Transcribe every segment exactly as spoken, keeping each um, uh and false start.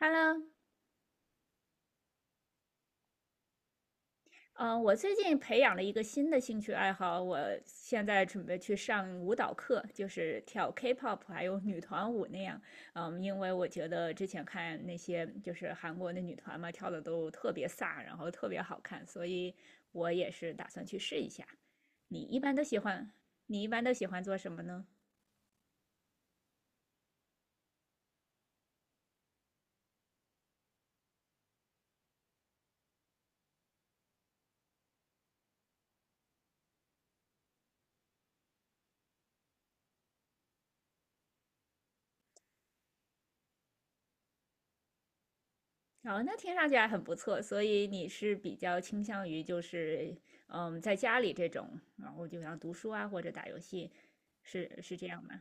Hello，嗯呃，我最近培养了一个新的兴趣爱好，我现在准备去上舞蹈课，就是跳 K-pop 还有女团舞那样。嗯，因为我觉得之前看那些就是韩国的女团嘛，跳的都特别飒，然后特别好看，所以我也是打算去试一下。你一般都喜欢，你一般都喜欢做什么呢？哦，那听上去还很不错，所以你是比较倾向于就是，嗯，在家里这种，然后就像读书啊或者打游戏，是是这样吗？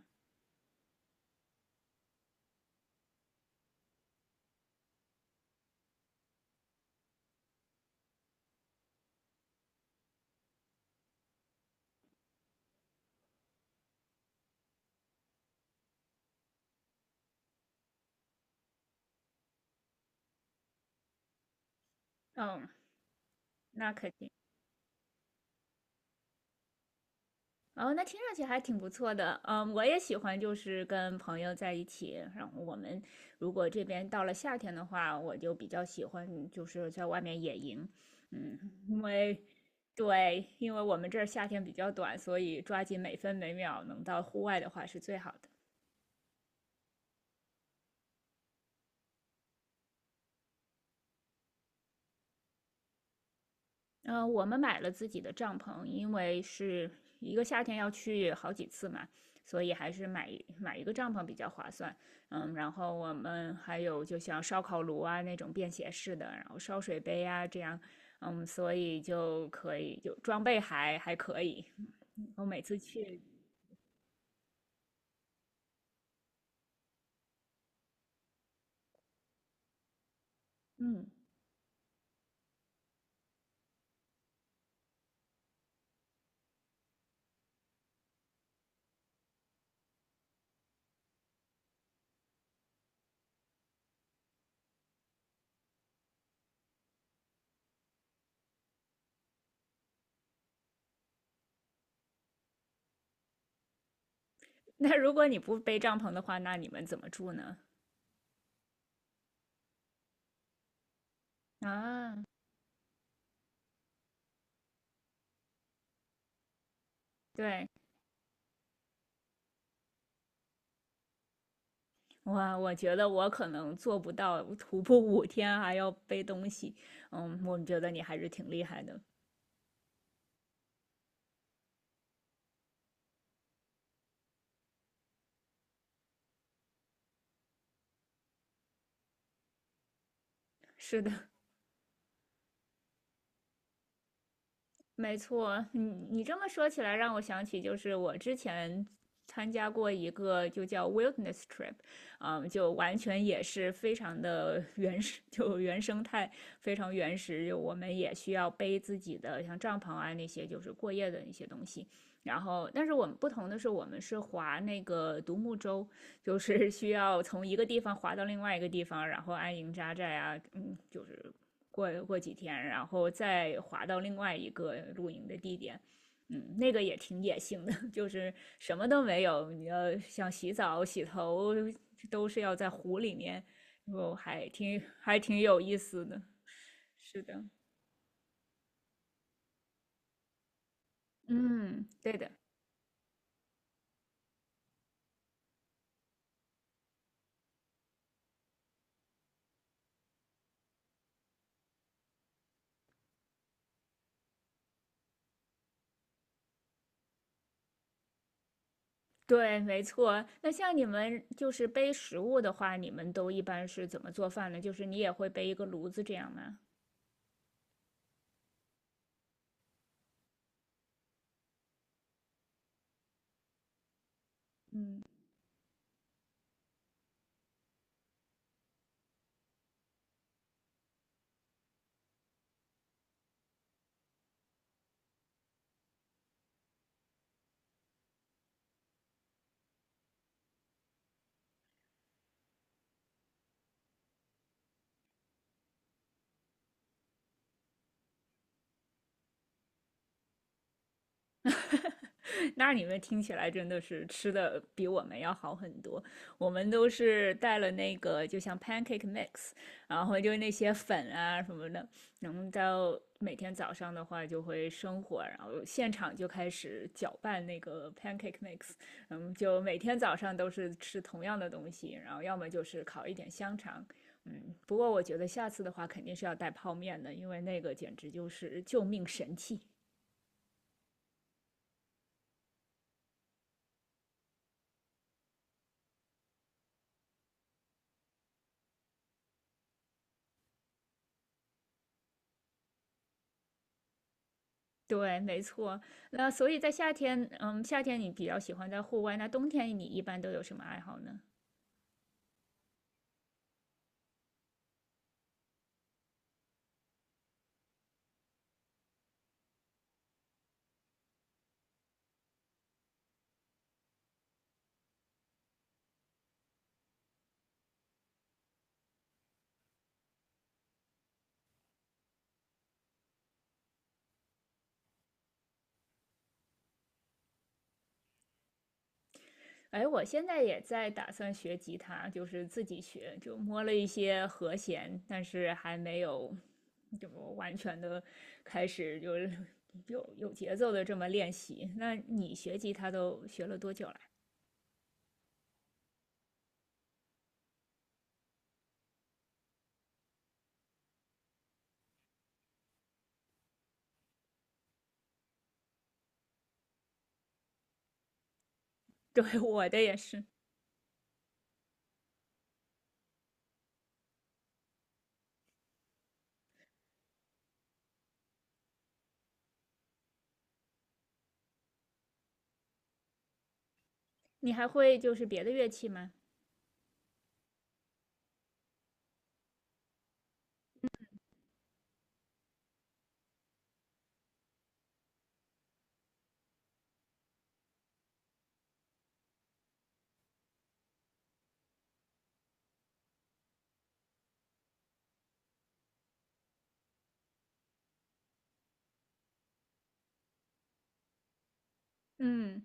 嗯，那肯定。哦，那听上去还挺不错的。嗯，我也喜欢就是跟朋友在一起，然后我们如果这边到了夏天的话，我就比较喜欢就是在外面野营，嗯，因为。对，因为我们这儿夏天比较短，所以抓紧每分每秒能到户外的话是最好的。嗯，我们买了自己的帐篷，因为是一个夏天要去好几次嘛，所以还是买买一个帐篷比较划算。嗯，然后我们还有就像烧烤炉啊那种便携式的，然后烧水杯啊这样，嗯，所以就可以就装备还还可以。我每次去，嗯，那如果你不背帐篷的话，那你们怎么住呢？啊，对。我我觉得我可能做不到徒步五天还要背东西，嗯，我觉得你还是挺厉害的。是的，没错，你你这么说起来，让我想起就是我之前参加过一个就叫 wilderness trip，嗯，就完全也是非常的 原始，就原生态，非常原始。就我们也需要背自己的像帐篷啊那些，就是过夜的一些东西。然后，但是我们不同的是，我们是划那个独木舟，就是需要从一个地方划到另外一个地方，然后安营扎寨啊，嗯，就是过过几天，然后再滑到另外一个露营的地点。嗯，那个也挺野性的，就是什么都没有，你要想洗澡、洗头，都是要在湖里面，我还挺还挺有意思的。是的，嗯，对的，对，没错。那像你们就是背食物的话，你们都一般是怎么做饭呢？就是你也会背一个炉子这样吗？那你们听起来真的是吃的比我们要好很多。我们都是带了那个，就像 pancake mix，然后就那些粉啊什么的，然后到每天早上的话就会生火，然后现场就开始搅拌那个 pancake mix，嗯，就每天早上都是吃同样的东西，然后要么就是烤一点香肠，嗯，不过我觉得下次的话肯定是要带泡面的，因为那个简直就是救命神器。对，没错。那所以在夏天，嗯，夏天你比较喜欢在户外，那冬天你一般都有什么爱好呢？哎，我现在也在打算学吉他，就是自己学，就摸了一些和弦，但是还没有就完全的开始就是有有节奏的这么练习。那你学吉他都学了多久了？对，我的也是。你还会就是别的乐器吗？嗯，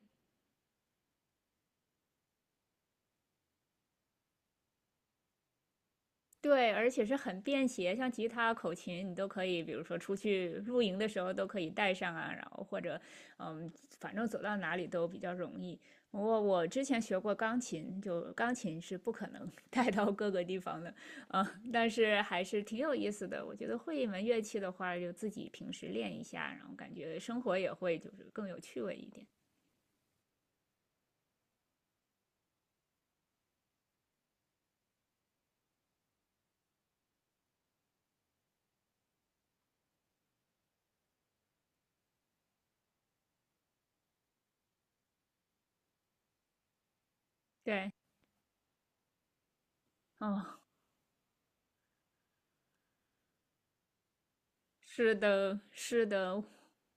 对，而且是很便携，像吉他、口琴，你都可以，比如说出去露营的时候都可以带上啊，然后或者，嗯，反正走到哪里都比较容易。我我之前学过钢琴，就钢琴是不可能 带到各个地方的，啊，但是还是挺有意思的。我觉得会一门乐器的话，就自己平时练一下，然后感觉生活也会就是更有趣味一点。对，嗯。是的，是的，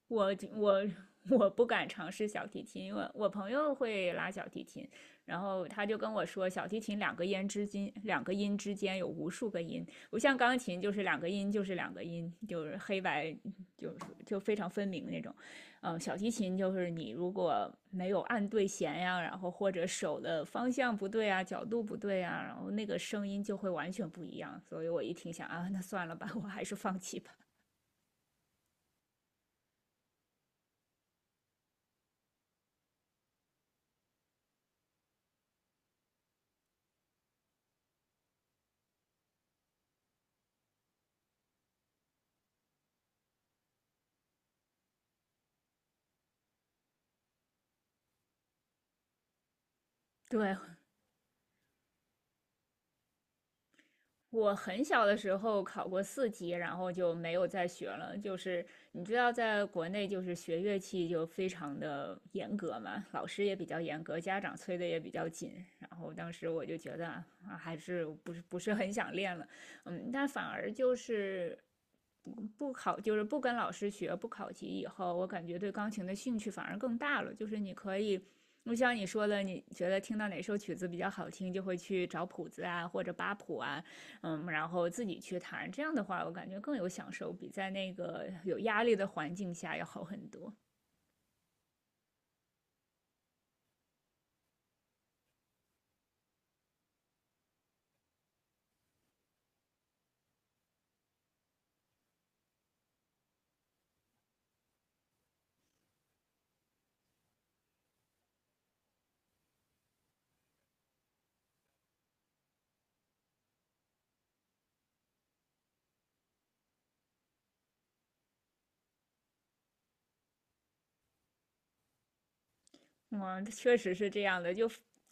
我我我不敢尝试小提琴，因为我朋友会拉小提琴，然后他就跟我说，小提琴两个音之间，两个音之间有无数个音，不像钢琴就是两个音就是两个音，就是黑白就是就非常分明那种，嗯，小提琴就是你如果没有按对弦呀，然后或者手的方向不对啊，角度不对啊，然后那个声音就会完全不一样，所以我一听想啊，那算了吧，我还是放弃吧。对，我很小的时候考过四级，然后就没有再学了。就是你知道，在国内就是学乐器就非常的严格嘛，老师也比较严格，家长催的也比较紧。然后当时我就觉得啊，还是不是不是很想练了，嗯，但反而就是不考，就是不跟老师学，不考级以后，我感觉对钢琴的兴趣反而更大了。就是你可以。就像你说的，你觉得听到哪首曲子比较好听，就会去找谱子啊，或者扒谱啊，嗯，然后自己去谈这样的话我感觉更有享受，比在那个有压力的环境下要好很多。嗯，确实是这样的。就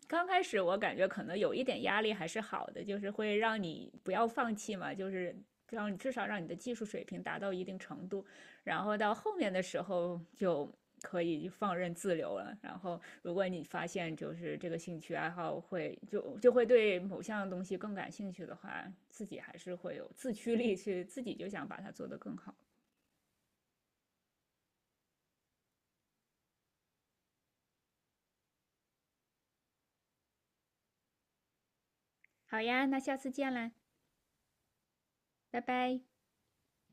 刚开始我感觉可能有一点压力还是好的，就是会让你不要放弃嘛，就是让你至少让你的技术水平达到一定程度，然后到后面的时候就可以放任自流了。然后如果你发现就是这个兴趣爱好会就就会对某项东西更感兴趣的话，自己还是会有自驱力去自己就想把它做得更好。好呀，那下次见啦，拜拜。